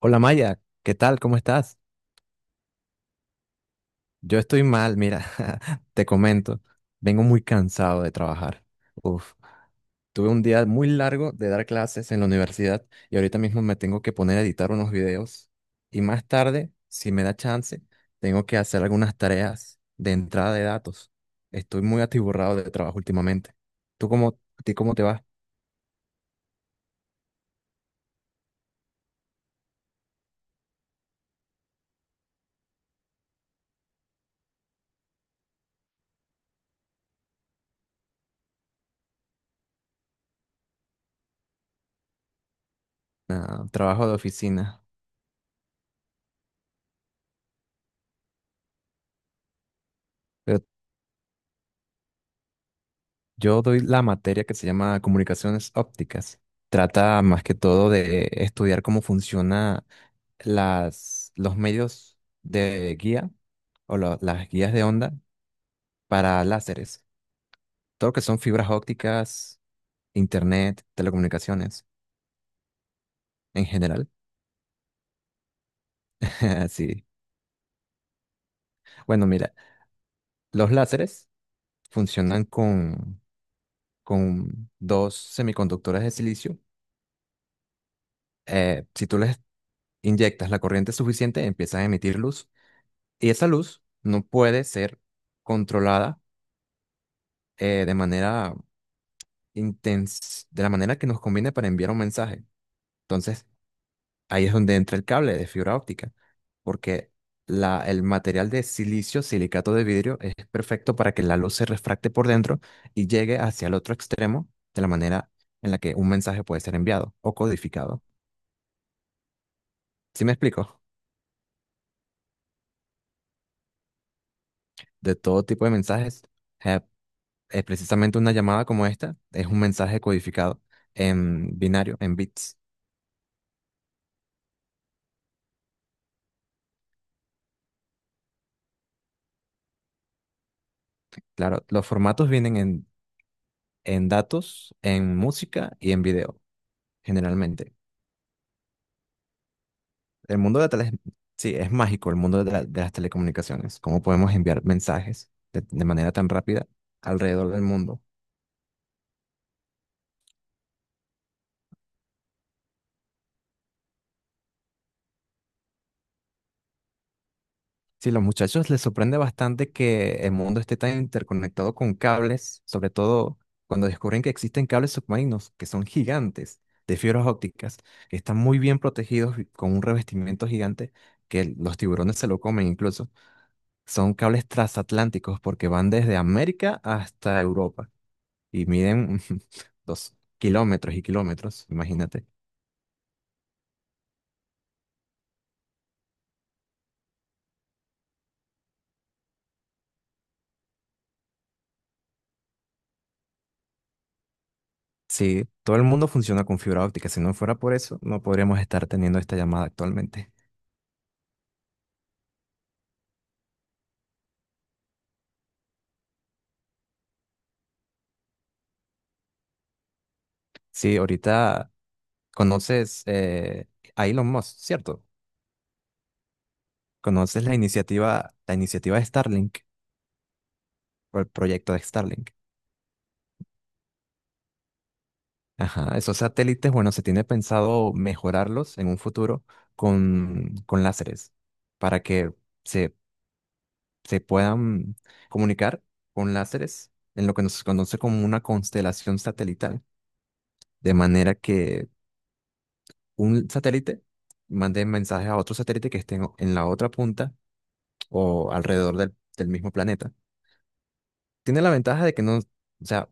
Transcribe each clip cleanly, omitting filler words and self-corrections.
Hola Maya, ¿qué tal? ¿Cómo estás? Yo estoy mal, mira, te comento, vengo muy cansado de trabajar. Uf, tuve un día muy largo de dar clases en la universidad y ahorita mismo me tengo que poner a editar unos videos y más tarde, si me da chance, tengo que hacer algunas tareas de entrada de datos. Estoy muy atiborrado de trabajo últimamente. ¿A ti cómo te va? Ah, trabajo de oficina. Pero Yo doy la materia que se llama comunicaciones ópticas. Trata más que todo de estudiar cómo funciona los medios de guía o las guías de onda para láseres. Todo lo que son fibras ópticas, internet, telecomunicaciones en general. Sí. Bueno, mira, los láseres funcionan con dos semiconductores de silicio. Si tú les inyectas la corriente suficiente, empiezan a emitir luz. Y esa luz no puede ser controlada eh, de manera de la manera que nos conviene para enviar un mensaje. Entonces, ahí es donde entra el cable de fibra óptica, porque el material de silicio, silicato de vidrio, es perfecto para que la luz se refracte por dentro y llegue hacia el otro extremo de la manera en la que un mensaje puede ser enviado o codificado. ¿Sí me explico? De todo tipo de mensajes, eh, precisamente una llamada como esta es un mensaje codificado en binario, en bits. Claro, los formatos vienen en datos, en música y en video, generalmente. El mundo de la tele, sí, es mágico el mundo de las telecomunicaciones. ¿Cómo podemos enviar mensajes de manera tan rápida alrededor del mundo? Sí, los muchachos les sorprende bastante que el mundo esté tan interconectado con cables, sobre todo cuando descubren que existen cables submarinos que son gigantes, de fibras ópticas, que están muy bien protegidos y con un revestimiento gigante que los tiburones se lo comen incluso. Son cables transatlánticos porque van desde América hasta Europa y miden 2 kilómetros y kilómetros, imagínate. Sí, todo el mundo funciona con fibra óptica. Si no fuera por eso, no podríamos estar teniendo esta llamada actualmente. Sí, ahorita conoces a Elon Musk, ¿cierto? Conoces la iniciativa de Starlink, o el proyecto de Starlink. Ajá, esos satélites, bueno, se tiene pensado mejorarlos en un futuro con láseres para que se, se puedan comunicar con láseres en lo que nos conoce como una constelación satelital, de manera que un satélite mande mensajes a otro satélite que esté en la otra punta o alrededor del mismo planeta. Tiene la ventaja de que no, o sea,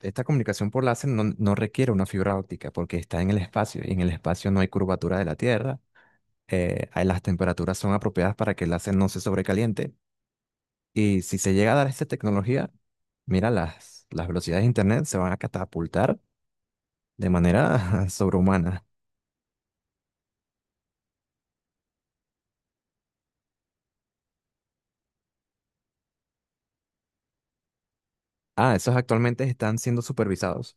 esta comunicación por láser no requiere una fibra óptica porque está en el espacio y en el espacio no hay curvatura de la Tierra. Ahí las temperaturas son apropiadas para que el láser no se sobrecaliente. Y si se llega a dar esta tecnología, mira, las velocidades de Internet se van a catapultar de manera sobrehumana. Ah, esos actualmente están siendo supervisados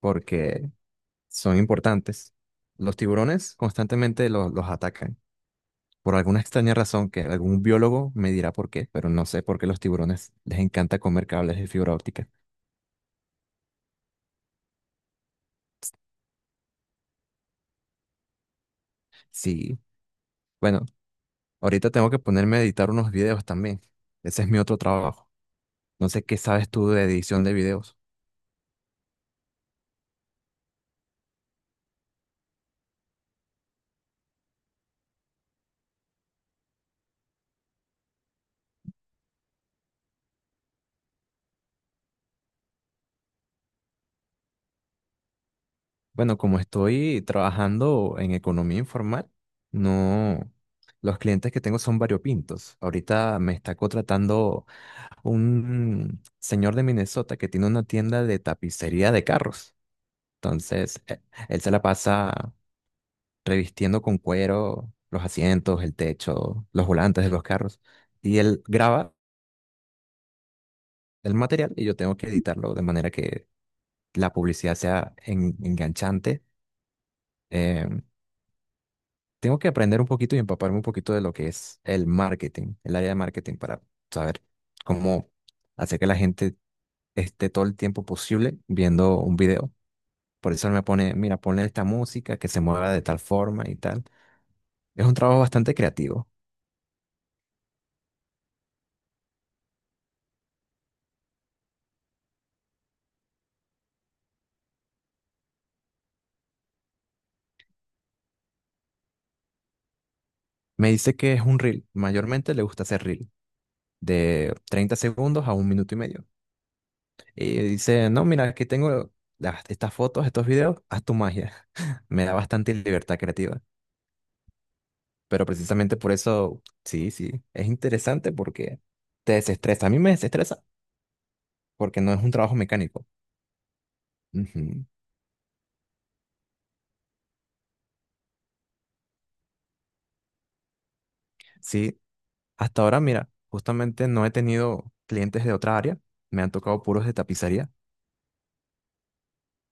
porque son importantes. Los tiburones constantemente los atacan. Por alguna extraña razón que algún biólogo me dirá por qué, pero no sé por qué los tiburones les encanta comer cables de fibra óptica. Sí, bueno, ahorita tengo que ponerme a editar unos videos también. Ese es mi otro trabajo. No sé qué sabes tú de edición de videos. Bueno, como estoy trabajando en economía informal, no, los clientes que tengo son variopintos. Ahorita me está contratando un señor de Minnesota que tiene una tienda de tapicería de carros. Entonces, él se la pasa revistiendo con cuero los asientos, el techo, los volantes de los carros. Y él graba el material y yo tengo que editarlo de manera que la publicidad sea enganchante. Eh, tengo que aprender un poquito y empaparme un poquito de lo que es el marketing, el área de marketing para saber cómo hacer que la gente esté todo el tiempo posible viendo un video. Por eso él me pone, mira, ponle esta música que se mueva de tal forma y tal. Es un trabajo bastante creativo. Me dice que es un reel. Mayormente le gusta hacer reel de 30 segundos a un minuto y medio. Y dice, no, mira, aquí tengo estas fotos, estos videos, haz tu magia. Me da bastante libertad creativa. Pero precisamente por eso, sí, sí, es interesante porque te desestresa. A mí me desestresa porque no es un trabajo mecánico. Ujú. Sí, hasta ahora, mira, justamente no he tenido clientes de otra área. Me han tocado puros de tapicería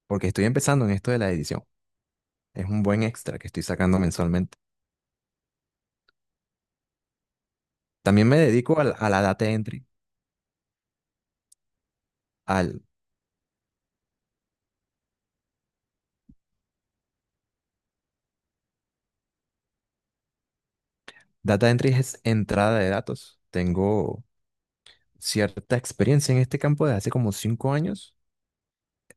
porque estoy empezando en esto de la edición. Es un buen extra que estoy sacando mensualmente. También me dedico a la data entry. Al data entry es entrada de datos. Tengo cierta experiencia en este campo desde hace como 5 años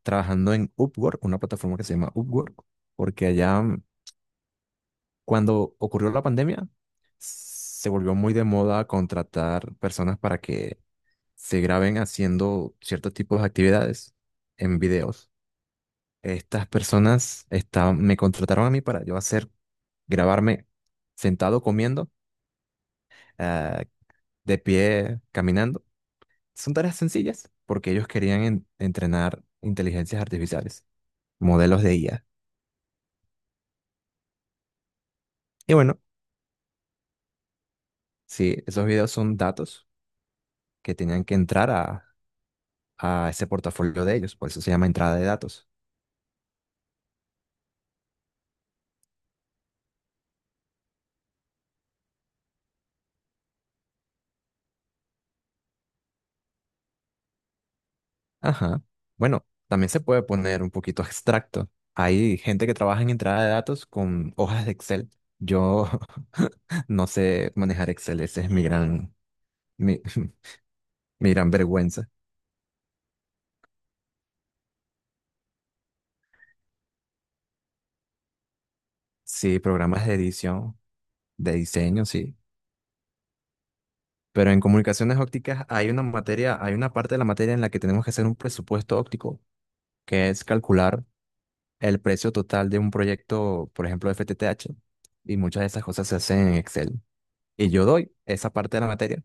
trabajando en Upwork, una plataforma que se llama Upwork, porque allá cuando ocurrió la pandemia se volvió muy de moda contratar personas para que se graben haciendo ciertos tipos de actividades en videos. Me contrataron a mí para yo hacer, grabarme sentado comiendo, eh, de pie, caminando. Son tareas sencillas porque ellos querían entrenar inteligencias artificiales, modelos de IA. Y bueno, sí, esos videos son datos que tenían que entrar a ese portafolio de ellos, por eso se llama entrada de datos. Ajá. Bueno, también se puede poner un poquito abstracto. Hay gente que trabaja en entrada de datos con hojas de Excel. Yo no sé manejar Excel, ese es mi, mi gran vergüenza. Sí, programas de edición, de diseño, sí. Pero en comunicaciones ópticas hay una parte de la materia en la que tenemos que hacer un presupuesto óptico, que es calcular el precio total de un proyecto, por ejemplo, FTTH, y muchas de esas cosas se hacen en Excel. Y yo doy esa parte de la materia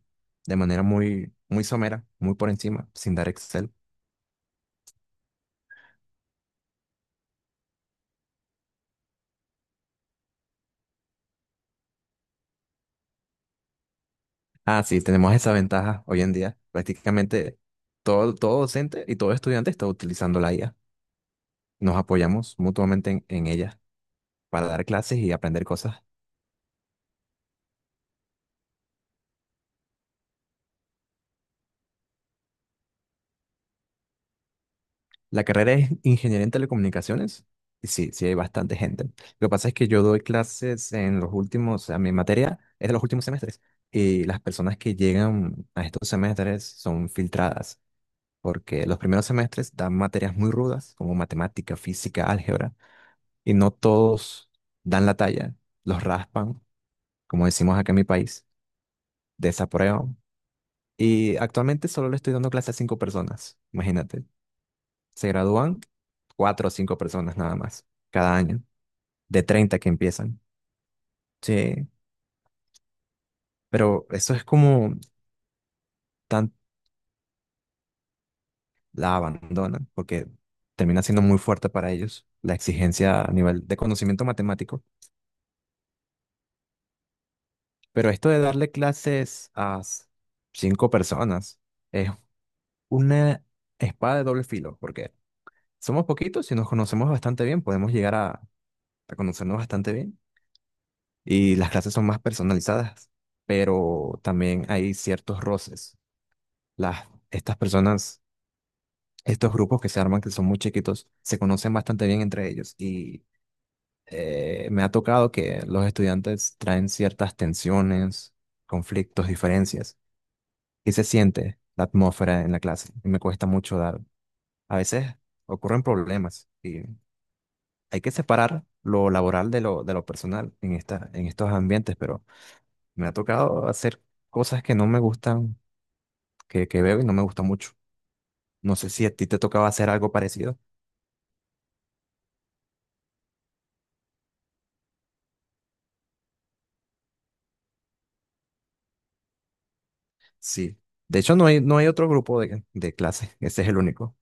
de manera muy, muy somera, muy por encima, sin dar Excel. Ah, sí, tenemos esa ventaja hoy en día. Prácticamente todo docente y todo estudiante está utilizando la IA. Nos apoyamos mutuamente en ella para dar clases y aprender cosas. La carrera es ingeniería en telecomunicaciones. Y sí, sí hay bastante gente. Lo que pasa es que yo doy clases a mi materia es de los últimos semestres. Y las personas que llegan a estos semestres son filtradas, porque los primeros semestres dan materias muy rudas, como matemática, física, álgebra, y no todos dan la talla, los raspan, como decimos acá en mi país, desaprueban. Y actualmente solo le estoy dando clases a 5 personas, imagínate. Se gradúan 4 o 5 personas nada más cada año, de 30 que empiezan. Sí, pero eso es como tan la abandonan porque termina siendo muy fuerte para ellos la exigencia a nivel de conocimiento matemático. Pero esto de darle clases a 5 personas es una espada de doble filo porque somos poquitos y nos conocemos bastante bien, podemos llegar a conocernos bastante bien y las clases son más personalizadas, pero también hay ciertos roces. Estas personas, estos grupos que se arman, que son muy chiquitos, se conocen bastante bien entre ellos y me ha tocado que los estudiantes traen ciertas tensiones, conflictos, diferencias y se siente la atmósfera en la clase y me cuesta mucho dar. A veces ocurren problemas y hay que separar lo laboral de lo personal en estos ambientes, pero... Me ha tocado hacer cosas que no me gustan, que veo y no me gusta mucho. No sé si a ti te tocaba hacer algo parecido. Sí. De hecho, no hay otro grupo de clase. Ese es el único.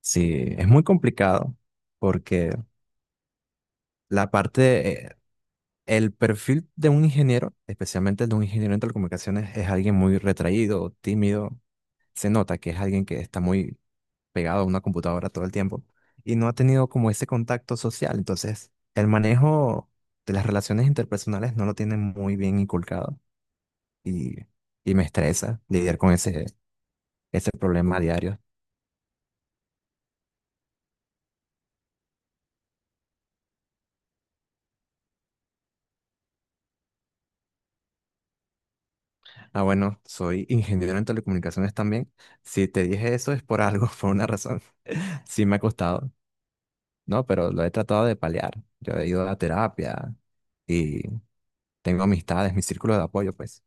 Sí, es muy complicado porque la parte, eh, el perfil de un ingeniero, especialmente el de un ingeniero en telecomunicaciones, es alguien muy retraído, tímido. Se nota que es alguien que está muy pegado a una computadora todo el tiempo y no ha tenido como ese contacto social. Entonces, el manejo de las relaciones interpersonales no lo tiene muy bien inculcado y, y me estresa lidiar con ese problema a diario. Ah, bueno, soy ingeniero en telecomunicaciones también. Si te dije eso es por algo, por una razón. Sí me ha costado, ¿no? Pero lo he tratado de paliar. Yo he ido a terapia y tengo amistades, mi círculo de apoyo, pues.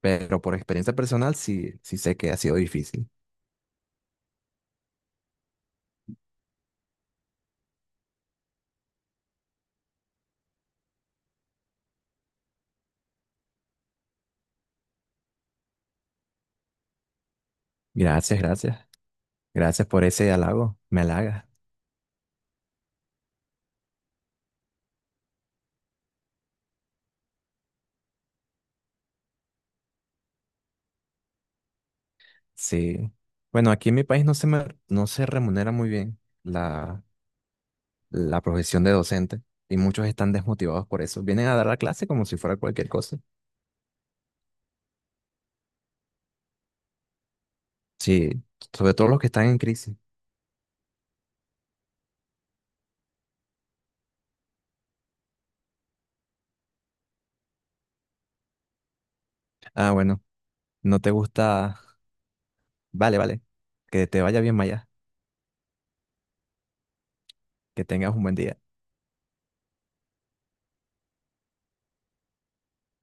Pero por experiencia personal sí, sí sé que ha sido difícil. Gracias, gracias. Gracias por ese halago. Me halaga. Sí. Bueno, aquí en mi país no se remunera muy bien la profesión de docente y muchos están desmotivados por eso. Vienen a dar la clase como si fuera cualquier cosa. Sí, sobre todo los que están en crisis. Ah, bueno, no te gusta. Vale, vale. Que te vaya bien, Maya. Que tengas un buen día.